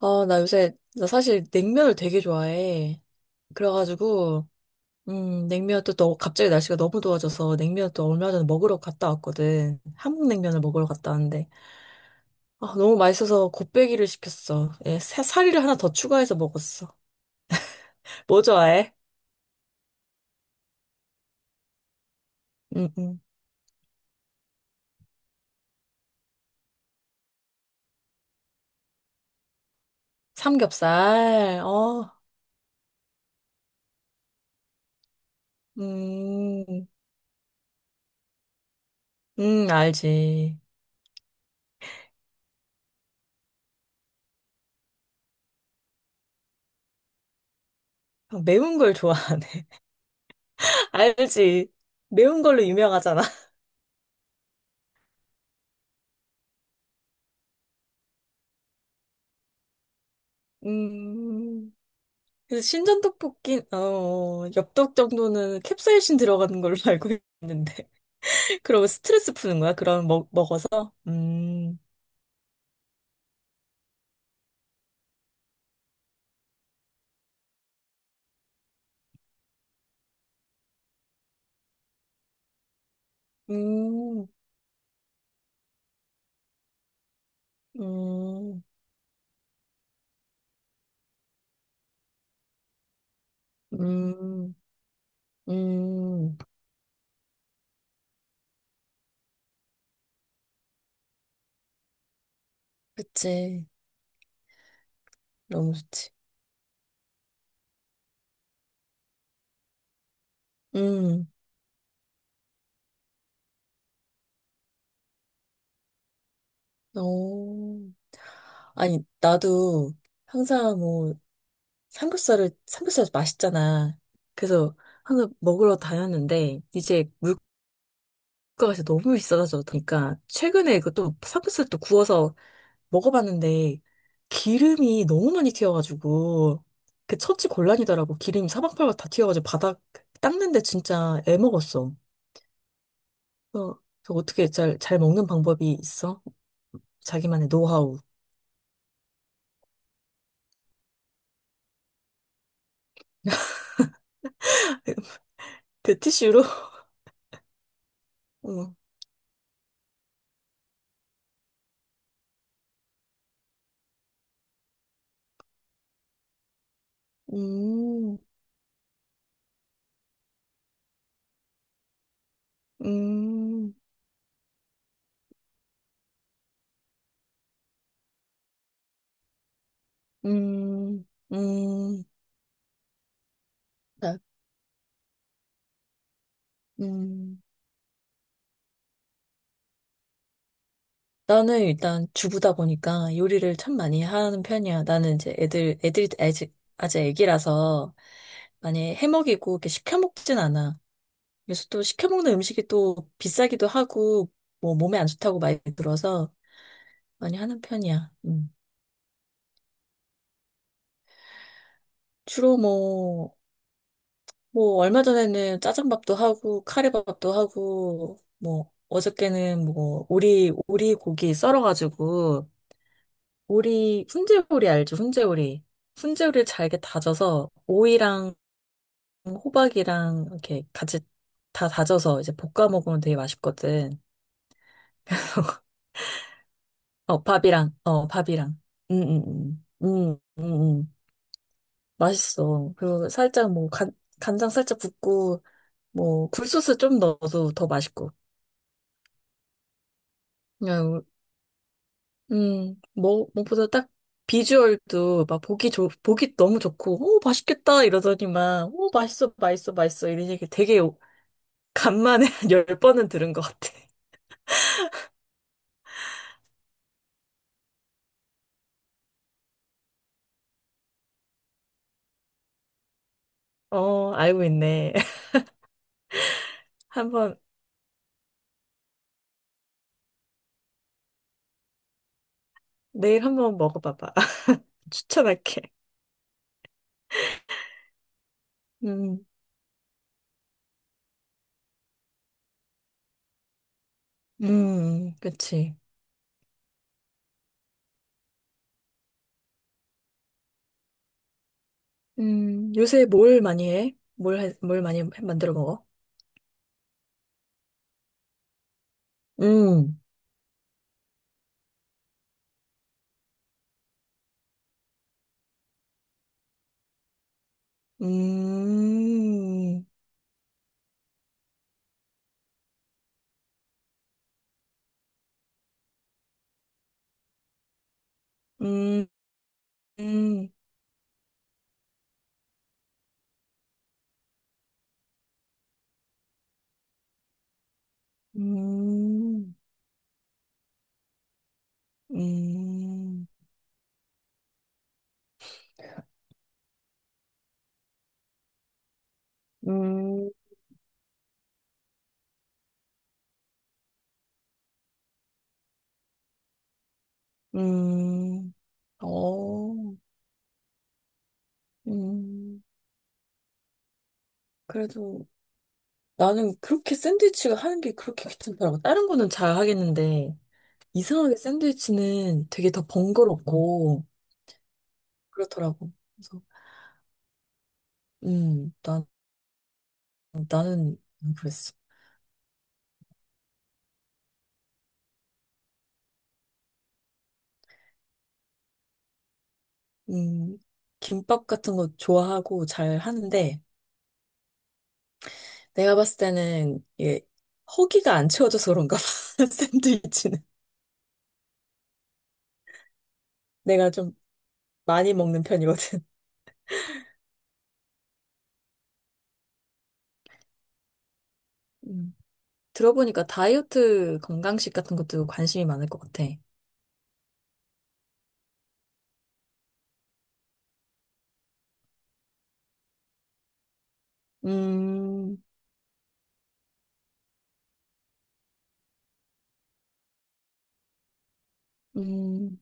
아, 나 사실 냉면을 되게 좋아해. 그래가지고, 냉면도 또 갑자기 날씨가 너무 더워져서 냉면 또 얼마 전에 먹으러 갔다 왔거든. 한국 냉면을 먹으러 갔다 왔는데, 아, 너무 맛있어서 곱빼기를 시켰어. 예, 사- 사리를 하나 더 추가해서 먹었어. 뭐 좋아해? 음, 음. 삼겹살, 어, 음, 알지. 매운 걸 좋아하네. 알지. 매운 걸로 유명하잖아. 음. 그래서 신전 떡볶이, 어, 엽떡 정도는 캡사이신 들어가는 걸로 알고 있는데. 그러면 스트레스 푸는 거야? 그럼 먹어서? 음, 음, 음, 음, 음. 그치. 너무 좋지. 음, 오. 아니, 나도 항상 뭐, 삼겹살을, 삼겹살 맛있잖아. 그래서 항상 먹으러 다녔는데, 이제 물가가 진짜 너무 비싸져서, 그러니까 최근에 이것 삼겹살 또 구워서 먹어봤는데 기름이 너무 많이 튀어가지고 그 처치 곤란이더라고. 기름이 사방팔방 다 튀어가지고 바닥 닦는데 진짜 애먹었어. 어, 저 어떻게 잘 먹는 방법이 있어? 자기만의 노하우. 그 티슈로? 어. 음, 음, 음, 음, 아, 음. 나는 일단 주부다 보니까 요리를 참 많이 하는 편이야. 나는 이제 애들, 애들이 아직 애기라서 많이 해먹이고 이렇게 시켜 먹진 않아. 그래서 또 시켜 먹는 음식이 또 비싸기도 하고 뭐 몸에 안 좋다고 많이 들어서 많이 하는 편이야. 음. 주로 뭐 얼마 전에는 짜장밥도 하고 카레밥도 하고 뭐 어저께는 뭐 오리 고기 썰어가지고 오리, 훈제오리 알죠? 훈제오리. 훈제오리를 잘게 다져서 오이랑 호박이랑 이렇게 같이 다 다져서 이제 볶아 먹으면 되게 맛있거든. 어, 밥이랑, 어, 밥이랑. 응응응. 응응응. 맛있어. 그리고 살짝 뭐 간장 살짝 붓고 뭐 굴소스 좀 넣어도 더 맛있고. 그냥, 뭐, 무엇보다 딱 비주얼도 막 보기 너무 좋고, 오, 맛있겠다 이러더니만, 오, 맛있어, 맛있어, 맛있어 이런 얘기 되게 간만에 한 열번은 들은 것 같아. 어, 알고 있네. 한번, 내일 한번 먹어봐봐. 추천할게. 음, 그치. 요새 뭘 많이 해? 뭘 많이 만들어 먹어? 음, 음, 음, 음, 음, 음, 음, 음, 어, 음. 그래도 나는 그렇게 샌드위치가 하는 게 그렇게 귀찮더라고. 다른 거는 잘 하겠는데, 이상하게 샌드위치는 되게 더 번거롭고, 그렇더라고. 그래서, 음, 난, 나는 그랬어. 음, 김밥 같은 거 좋아하고 잘 하는데, 내가 봤을 때는, 이게, 허기가 안 채워져서 그런가 봐. 샌드위치는. 내가 좀 많이 먹는 편이거든. 음, 들어보니까 다이어트 건강식 같은 것도 관심이 많을 것 같아. 음, 음.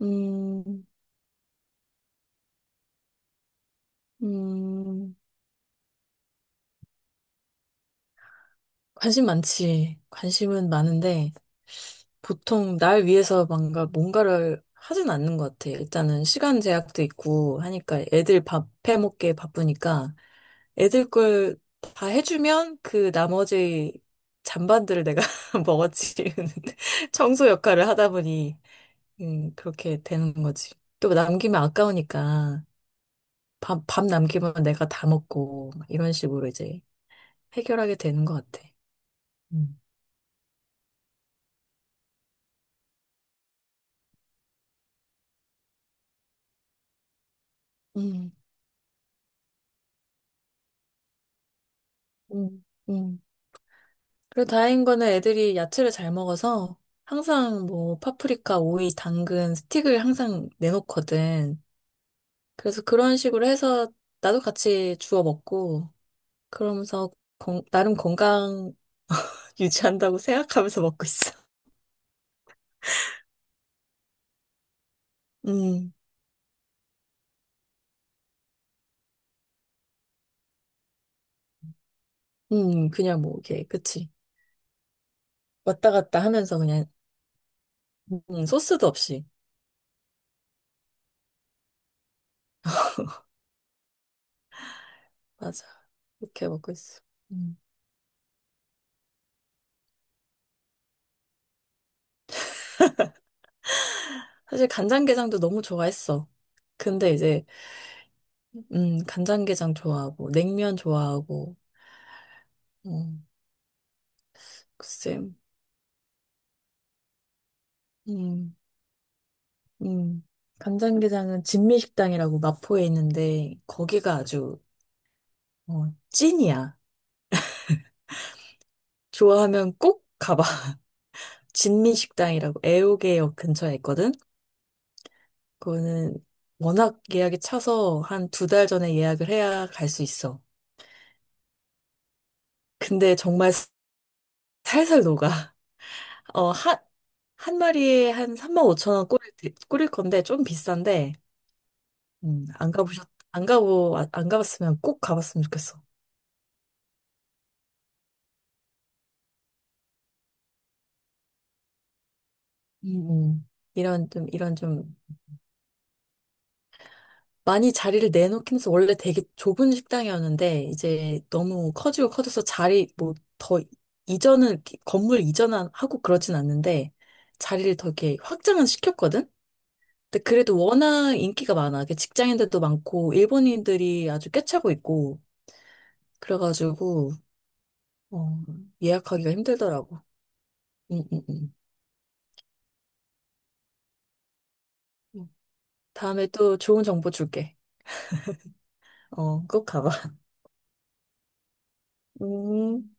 음, 음, 관심 많지. 관심은 많은데, 보통 날 위해서 뭔가를 하진 않는 것 같아. 일단은 시간 제약도 있고 하니까 애들 밥 해먹기에 바쁘니까 애들 걸 다 해주면 그 나머지 잔반들을 내가 먹어치우는 청소 역할을 하다 보니, 그렇게 되는 거지. 또 남기면 아까우니까 밥 남기면 내가 다 먹고, 막 이런 식으로 이제 해결하게 되는 것 같아. 음. 음, 음, 음. 그리고 다행인 거는 애들이 야채를 잘 먹어서 항상 뭐 파프리카, 오이, 당근, 스틱을 항상 내놓거든. 그래서 그런 식으로 해서 나도 같이 주워 먹고 그러면서 나름 건강 유지한다고 생각하면서 먹고 있어. 음, 그냥 뭐 이렇게 그치 왔다 갔다 하면서 그냥 소스도 없이 맞아 이렇게 먹고 있어. 음. 사실 간장게장도 너무 좋아했어. 근데 이제 간장게장 좋아하고, 냉면 좋아하고, 어 글쎄, 음, 음. 간장게장은 진미식당이라고 마포에 있는데, 거기가 아주, 어, 찐이야. 좋아하면 꼭 가봐. 진미식당이라고 애호개역 근처에 있거든? 그거는 워낙 예약이 차서 한 2달 전에 예약을 해야 갈 수 있어. 근데 정말 살살 녹아. 어, 한, 한 마리에 한 3만 5천 원 꼬릴 건데, 좀 비싼데, 안 가보셨, 안 가고, 아- 안 가봤으면 꼭 가봤으면 좋겠어. 음. 이런 좀, 많이 자리를 내놓기면서 원래 되게 좁은 식당이었는데, 이제 너무 커지고 커져서 자리, 뭐, 더, 이렇게 건물 이전하고 그러진 않는데, 자리를 더 이렇게 확장은 시켰거든? 근데 그래도 워낙 인기가 많아. 이게 직장인들도 많고, 일본인들이 아주 꿰차고 있고, 그래가지고, 어, 예약하기가 힘들더라고. 응, 응, 응. 다음에 또 좋은 정보 줄게. 어, 꼭 가봐. 음,